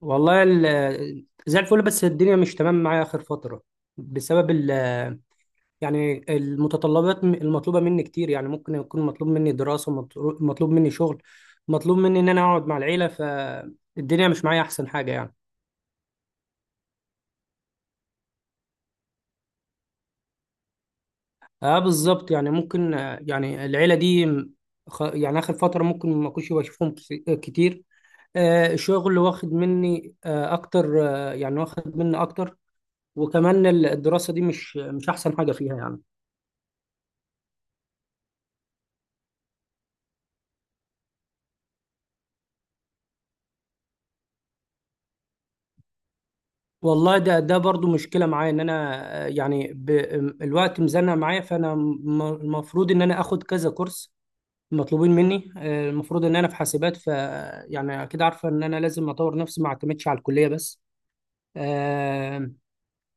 والله، زي الفل، بس الدنيا مش تمام معايا آخر فترة بسبب يعني المتطلبات المطلوبة مني كتير، يعني ممكن يكون مطلوب مني دراسة، مطلوب مني شغل، مطلوب مني إن أنا أقعد مع العيلة، فالدنيا مش معايا أحسن حاجة يعني. أه، بالظبط، يعني ممكن، يعني العيلة دي، يعني آخر فترة ممكن ما أكونش بشوفهم، كتير. الشغل واخد مني، أكتر، يعني واخد مني أكتر. وكمان الدراسة دي مش أحسن حاجة فيها يعني. والله، ده برضو مشكلة معايا ان انا، يعني، الوقت مزنق معايا، فانا المفروض ان انا اخد كذا كورس مطلوبين مني، المفروض ان انا في حاسبات. ف يعني اكيد عارفة ان انا لازم اطور نفسي، ما اعتمدش على الكلية بس. آه،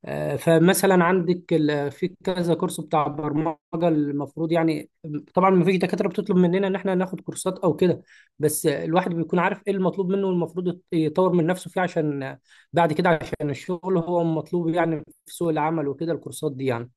فمثلا عندك، في كذا كورس بتاع برمجة، المفروض يعني. طبعا ما فيش دكاترة بتطلب مننا ان احنا ناخد كورسات او كده، بس الواحد بيكون عارف ايه المطلوب منه، والمفروض يطور من نفسه فيه عشان بعد كده، عشان الشغل هو مطلوب يعني في سوق العمل وكده، الكورسات دي يعني.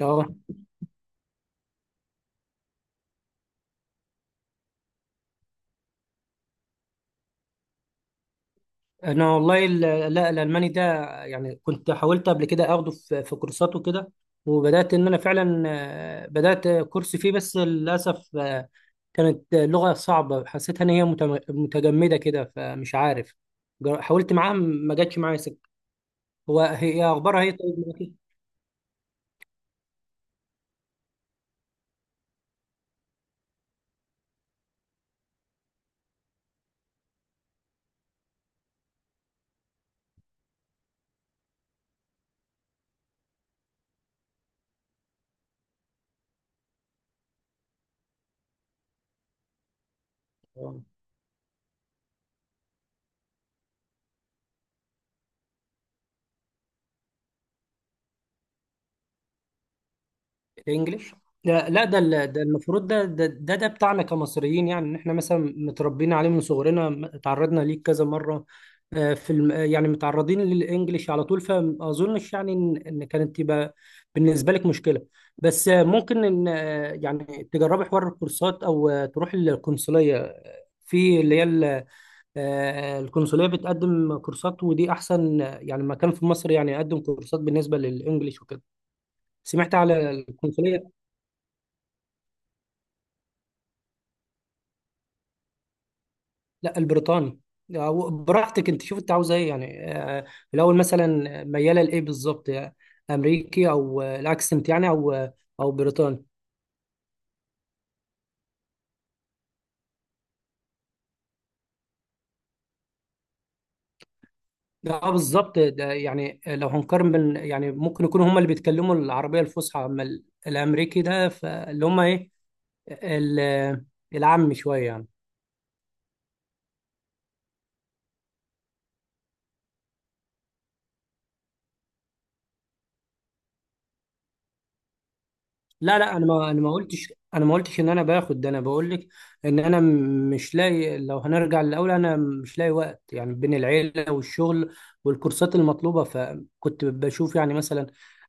اه. انا والله، لا، الالماني ده، يعني كنت حاولت قبل كده اخده في كورسات وكده. وبدات ان انا فعلا، بدات كورس فيه، بس للاسف، كانت لغه صعبه، حسيتها ان هي متجمده كده، فمش عارف. حاولت معاها، ما جاتش معايا سكه. هي اخبارها هي طيب معاكي؟ انجليش. لا، لا، ده المفروض، ده بتاعنا كمصريين، يعني ان احنا مثلا متربيين عليه من صغرنا، اتعرضنا ليه كذا مره. في الم... آه، يعني متعرضين للانجليش على طول، فما اظنش يعني إن كانت تبقى بالنسبه لك مشكله. بس، ممكن ان، يعني تجربي حوار الكورسات، او تروحي للقنصليه، في اللي هي، القنصليه بتقدم كورسات، ودي احسن، يعني مكان في مصر يعني يقدم كورسات بالنسبه للانجليش وكده. سمعت على القنصليه. لا، البريطاني. أو براحتك، انت شوف انت عاوزه ايه يعني، الاول مثلا مياله لايه بالظبط، يعني امريكي، او الاكسنت يعني، او بريطاني. اه بالظبط، ده يعني لو هنقارن بين، يعني ممكن يكونوا هم اللي بيتكلموا العربيه الفصحى، اما الامريكي ده فاللي هم ايه، ال- العامي شويه يعني. لا، لا، انا ما قلتش، انا ما قلتش ان انا باخد ده، انا بقول لك ان انا مش لاقي، لو هنرجع للاول، انا مش لاقي وقت، يعني بين العيله والشغل والكورسات المطلوبه، فكنت بشوف يعني مثلا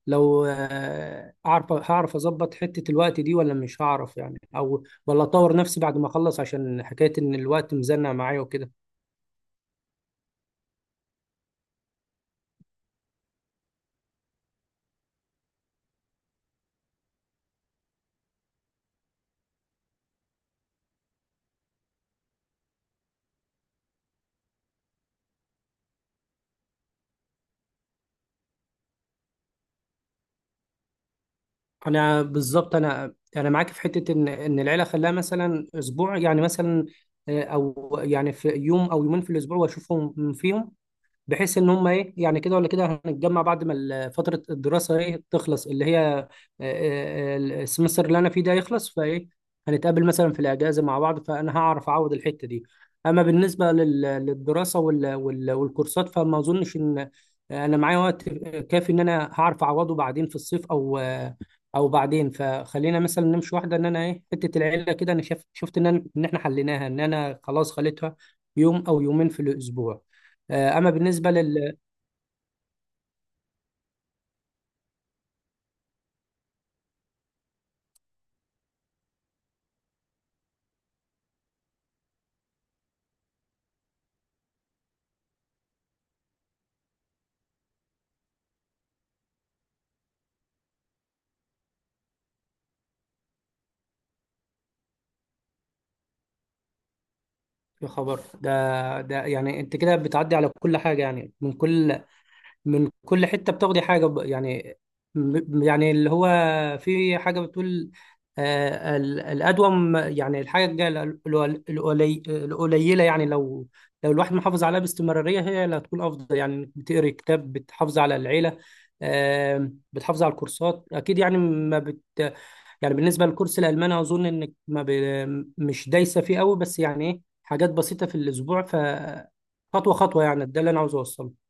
لو، هعرف اظبط حته الوقت دي ولا مش هعرف يعني، او ولا اطور نفسي بعد ما اخلص، عشان حكايه ان الوقت مزنق معايا وكده. انا بالظبط، انا معاك في حته ان العيله خلاها مثلا اسبوع يعني، مثلا او يعني في يوم او يومين في الاسبوع واشوفهم فيهم، بحيث ان هم ايه، يعني كده ولا كده هنتجمع بعد ما فتره الدراسه ايه تخلص، اللي هي، السمستر اللي انا فيه ده يخلص، فايه هنتقابل مثلا في الاجازه مع بعض، فانا هعرف اعوض الحته دي. اما بالنسبه للدراسه والكورسات، فما اظنش ان، انا معايا وقت كافي ان انا هعرف اعوضه بعدين في الصيف، او، بعدين، فخلينا مثلا نمشي واحده ان انا ايه، حته العيله كده انا شفت ان احنا حليناها، ان انا خلاص خليتها يوم او يومين في الاسبوع. اما بالنسبه يا خبر، ده يعني انت كده بتعدي على كل حاجه، يعني من كل حته بتاخدي حاجه، يعني، يعني اللي هو في حاجه بتقول، الادوم، يعني الحاجه القليله، يعني لو الواحد محافظ عليها باستمراريه، هي اللي هتكون افضل، يعني إنك بتقري كتاب، بتحافظ على العيله، بتحافظ على الكورسات اكيد، يعني ما بت يعني بالنسبه للكورس الالماني، اظن انك ما ب... مش دايسه فيه قوي، بس يعني ايه، حاجات بسيطه في الاسبوع، ف خطوه خطوه، يعني ده اللي انا عاوز اوصله.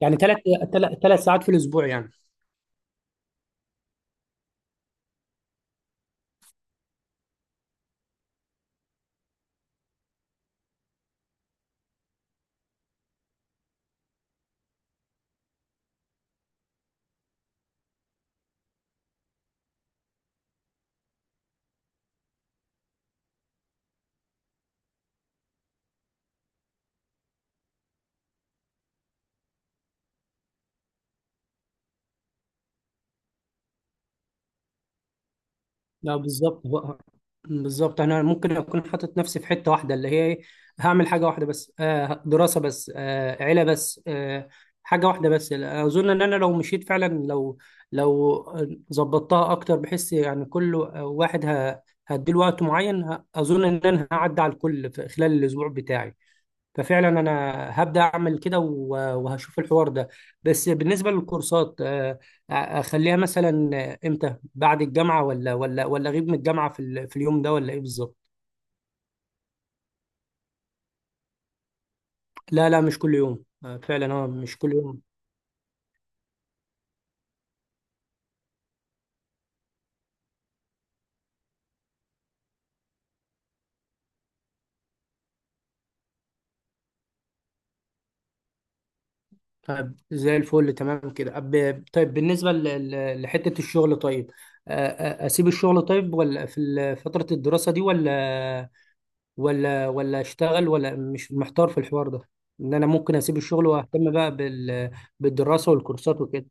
يعني 3 ساعات في الاسبوع يعني. لا بالظبط، بالظبط انا ممكن اكون حاطط نفسي في حته واحده، اللي هي إيه؟ هعمل حاجه واحده بس، دراسه بس، عيله بس، حاجه واحده بس، اظن ان انا لو مشيت فعلا، لو ظبطتها اكتر، بحس يعني كل واحد، هديله وقت معين، اظن ان انا هعدي على الكل في خلال الاسبوع بتاعي. ففعلا انا هبدا اعمل كده، وهشوف الحوار ده. بس بالنسبه للكورسات، اخليها مثلا امتى؟ بعد الجامعه؟ ولا اغيب من الجامعه في اليوم ده؟ ولا ايه بالظبط؟ لا، لا، مش كل يوم، فعلا، اه، مش كل يوم. طيب زي الفل، تمام كده، طيب بالنسبه لحته الشغل، طيب، آه، اسيب الشغل طيب، ولا في فتره الدراسه دي، ولا ولا اشتغل، ولا، مش محتار في الحوار ده، ان انا ممكن اسيب الشغل واهتم بقى، بالدراسه والكورسات وكده.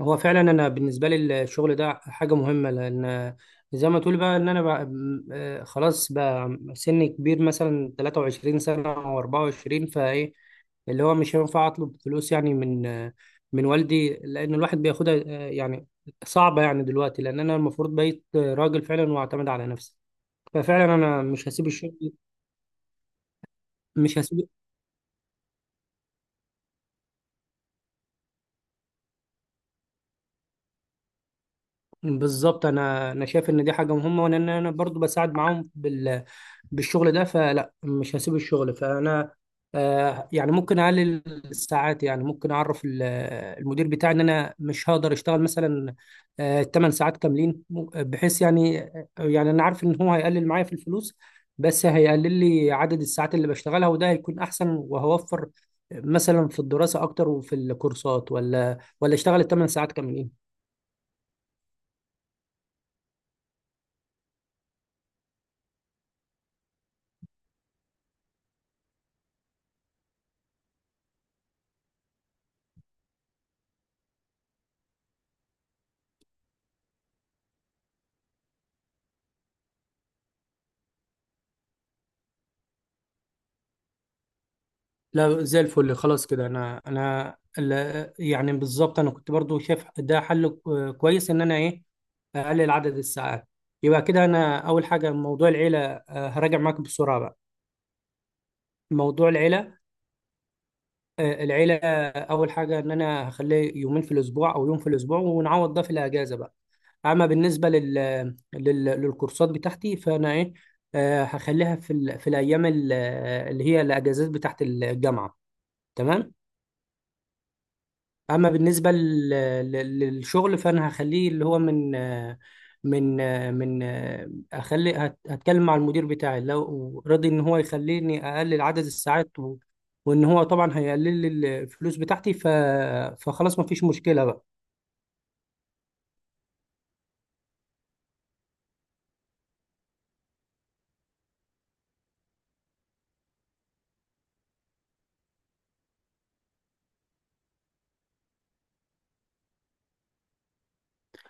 هو فعلا انا بالنسبه لي الشغل ده حاجه مهمه، لان زي ما تقول بقى ان انا بقى، خلاص، بقى سن كبير مثلا 23 سنه او 24، فايه اللي هو مش هينفع اطلب فلوس يعني من والدي، لان الواحد بياخدها، يعني صعبه، يعني دلوقتي لان انا المفروض بقيت راجل فعلا واعتمد على نفسي، ففعلا انا مش هسيب الشغل. مش هسيب. بالظبط، انا شايف ان دي حاجه مهمه، وان انا برضو بساعد معاهم بالشغل ده، فلا مش هسيب الشغل، فانا يعني ممكن اقلل الساعات، يعني ممكن اعرف المدير بتاعي ان انا مش هقدر اشتغل مثلا 8 ساعات كاملين، بحيث يعني، انا عارف ان هو هيقلل معايا في الفلوس، بس هيقلل لي عدد الساعات اللي بشتغلها، وده هيكون احسن، وهوفر مثلا في الدراسه اكتر وفي الكورسات، ولا اشتغل 8 ساعات كاملين. لا، زي الفل، خلاص كده، يعني بالظبط انا كنت برضو شايف ده حل كويس ان انا ايه، اقلل عدد الساعات. يبقى كده انا اول حاجه موضوع العيله، هراجع معاك بسرعه بقى موضوع العيله، العيله، اول حاجه ان انا هخليه يومين في الاسبوع او يوم في الاسبوع، ونعوض ده في الاجازه بقى. اما بالنسبه للكورسات بتاعتي، فانا ايه، هخليها في الايام اللي هي الاجازات بتاعت الجامعه. تمام. اما بالنسبه للشغل، فانا هخليه اللي هو من من هتكلم مع المدير بتاعي، لو رضي ان هو يخليني اقلل عدد الساعات، وان هو طبعا هيقلل لي الفلوس بتاعتي، ف فخلاص ما فيش مشكله بقى.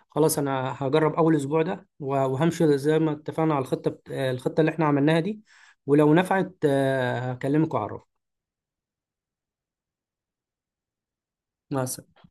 خلاص، انا هجرب اول اسبوع ده، وهمشي زي ما اتفقنا على الخطه، الخطه اللي احنا عملناها دي، ولو نفعت، هكلمك واعرفك. مع